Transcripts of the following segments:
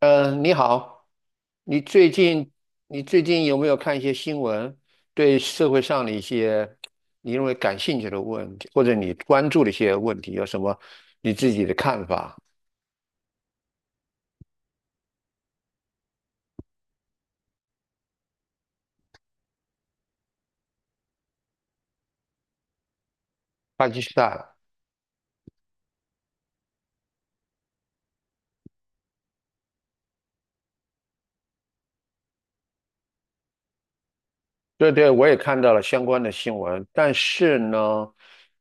你好，你最近你最近有没有看一些新闻？对社会上的一些你认为感兴趣的问题，或者你关注的一些问题，有什么你自己的看法？巴基斯坦。对对，我也看到了相关的新闻，但是呢，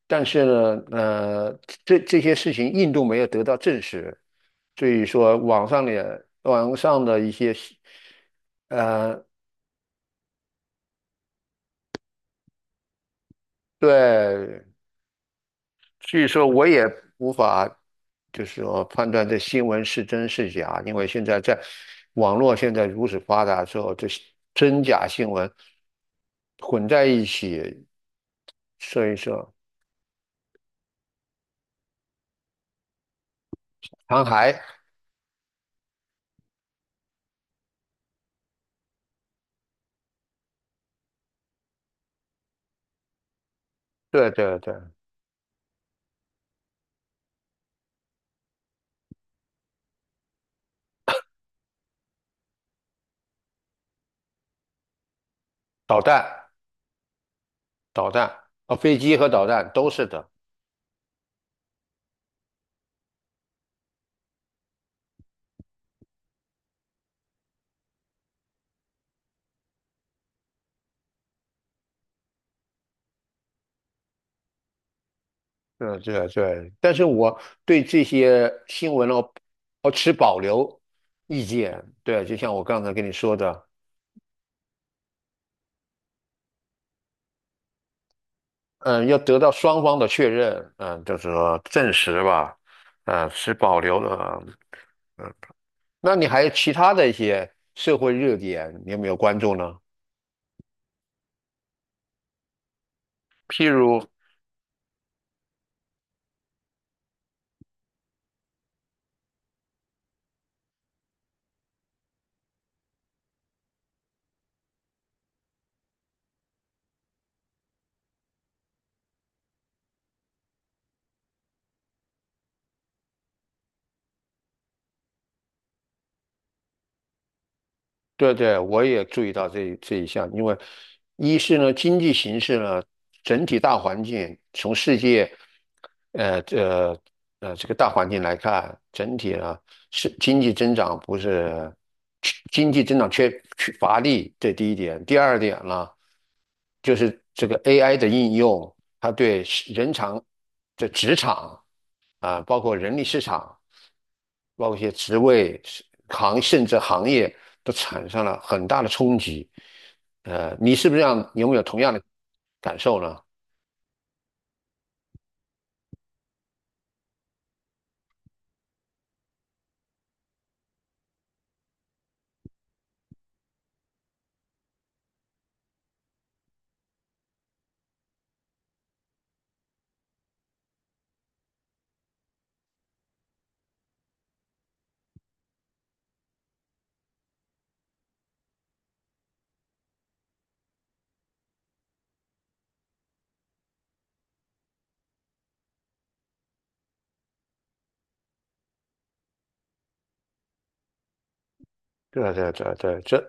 但是呢，呃，这些事情印度没有得到证实，所以说网上的一些，呃。对，所以说我也无法，就是说判断这新闻是真是假，因为现在在网络现在如此发达之后，这真假新闻混在一起，所以说残骸。对对对，导弹、导弹啊，飞机和导弹都是的。对对对。但是我对这些新闻呢，我持保留意见。对，就像我刚才跟你说的。嗯，要得到双方的确认，嗯，就是说证实吧，嗯，是保留了。那你还有其他的一些社会热点，你有没有关注呢？譬如。对对，我也注意到这一项，因为一是呢，经济形势呢，整体大环境从世界，呃这这个大环境来看，整体呢是经济增长不是经济增长缺乏力，这第一点。第二点呢，就是这个 AI 的应用，它对人场这职场，啊，包括人力市场，包括一些职位、甚至行业都产生了很大的冲击。你是不是这样？你有没有同样的感受呢？对对对对，这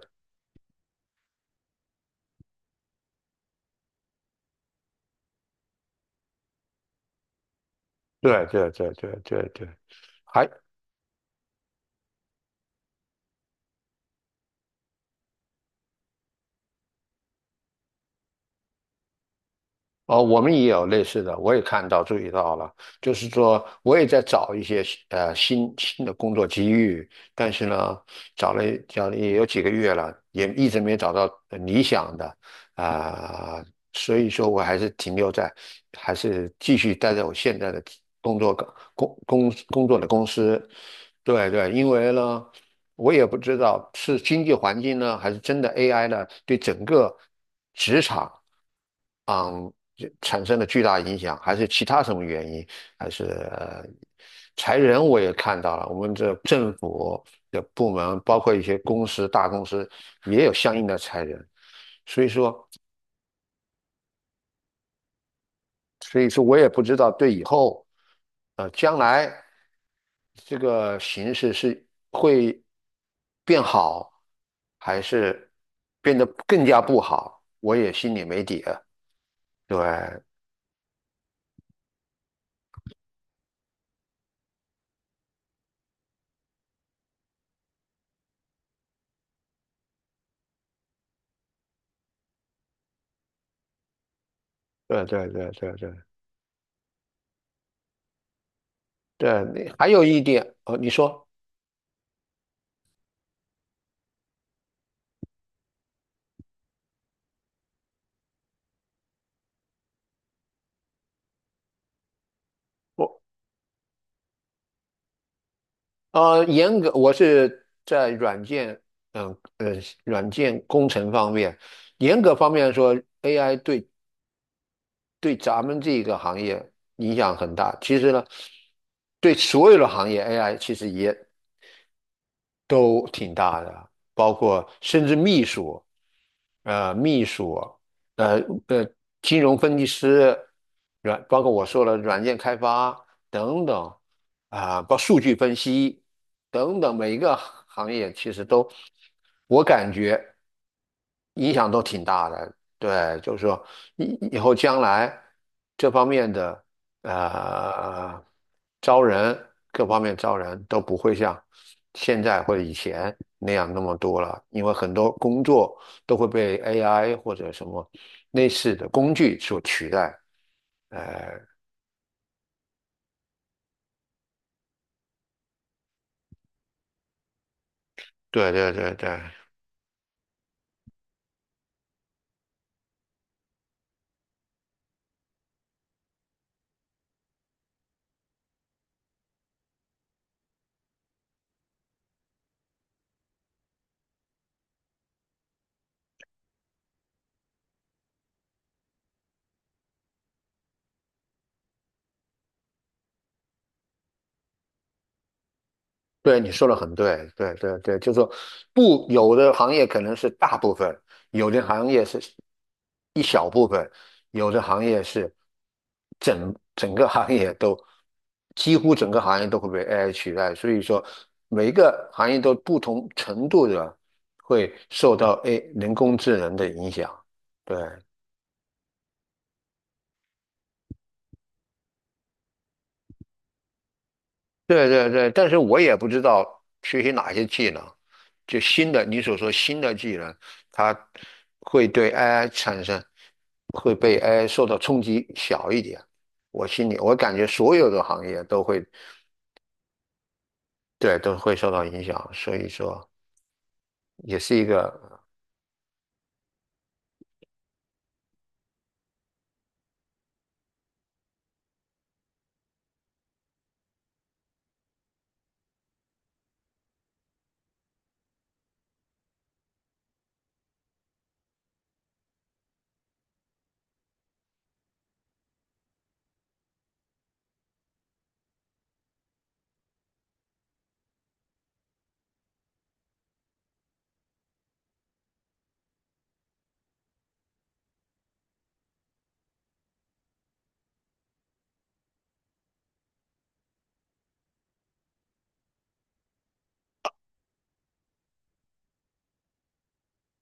对对对对对对。还哦，我们也有类似的，我也看到注意到了，就是说我也在找一些新的工作机遇，但是呢，找了也有几个月了，也一直没找到理想的啊，所以说我还是停留在，还是继续待在我现在的工作岗工工工作的公司。对对，因为呢，我也不知道是经济环境呢，还是真的 AI 呢对整个职场，就产生了巨大影响，还是其他什么原因？还是呃裁人我也看到了，我们这政府的部门，包括一些公司、大公司也有相应的裁人，所以说，所以说我也不知道对以后，将来这个形势是会变好，还是变得更加不好，我也心里没底啊。对，对对对对对。对，你还有一点，哦，你说我我是在软件，嗯呃，软件工程方面，严格方面说，AI 对咱们这个行业影响很大。其实呢，对所有的行业，AI 其实也都挺大的，包括甚至秘书，呃，秘书，呃呃，金融分析师，包括我说了软件开发等等，啊、包括数据分析等等，每一个行业其实都，我感觉影响都挺大的。对，就是说以后将来这方面的，呃，招人各方面招人都不会像现在或者以前那样那么多了，因为很多工作都会被 AI 或者什么类似的工具所取代。呃，对对对对，对，你说的很对，对对对，就是说，不，有的行业可能是大部分，有的行业是一小部分，有的行业是整整个行业都几乎整个行业都会被 AI 取代，所以说每一个行业都不同程度的会受到 A 人工智能的影响。对，对对对，但是我也不知道学习哪些技能，就新的，你所说新的技能，它会对 AI 产生，会被 AI 受到冲击小一点。我心里，我感觉所有的行业都会，对，都会受到影响，所以说也是一个。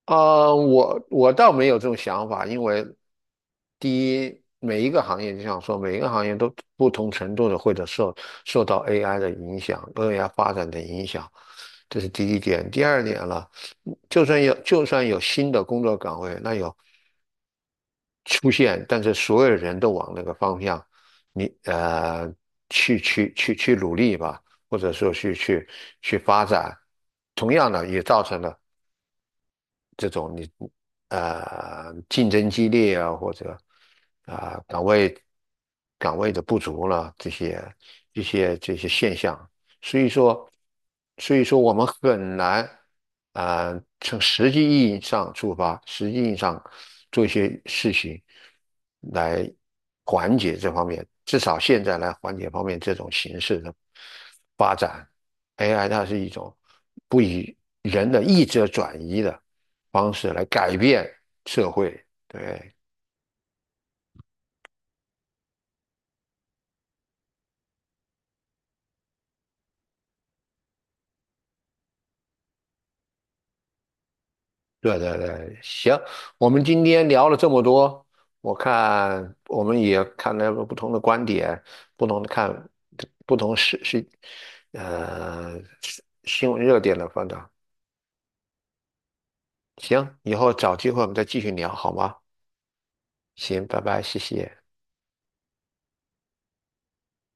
我倒没有这种想法，因为第一，每一个行业就像说，每一个行业都不同程度的会者受受到 AI 的影响，AI 发展的影响，这是第一点。第二点了，就算有新的工作岗位，那有出现，但是所有人都往那个方向，你呃去努力吧，或者说去发展，同样的也造成了竞争激烈啊，或者啊、岗位的不足了一些这些现象，所以说所以说我们很难，从实际意义上出发，实际意义上做一些事情来缓解这方面，至少现在来缓解方面这种形式的发展。AI 它是一种不以人的意志而转移的方式来改变社会。对，对对对，行，我们今天聊了这么多，我看我们也看了不同的观点，不同的看，不同事事，呃，是新闻热点的，反正行，以后找机会我们再继续聊，好吗？行，拜拜，谢谢。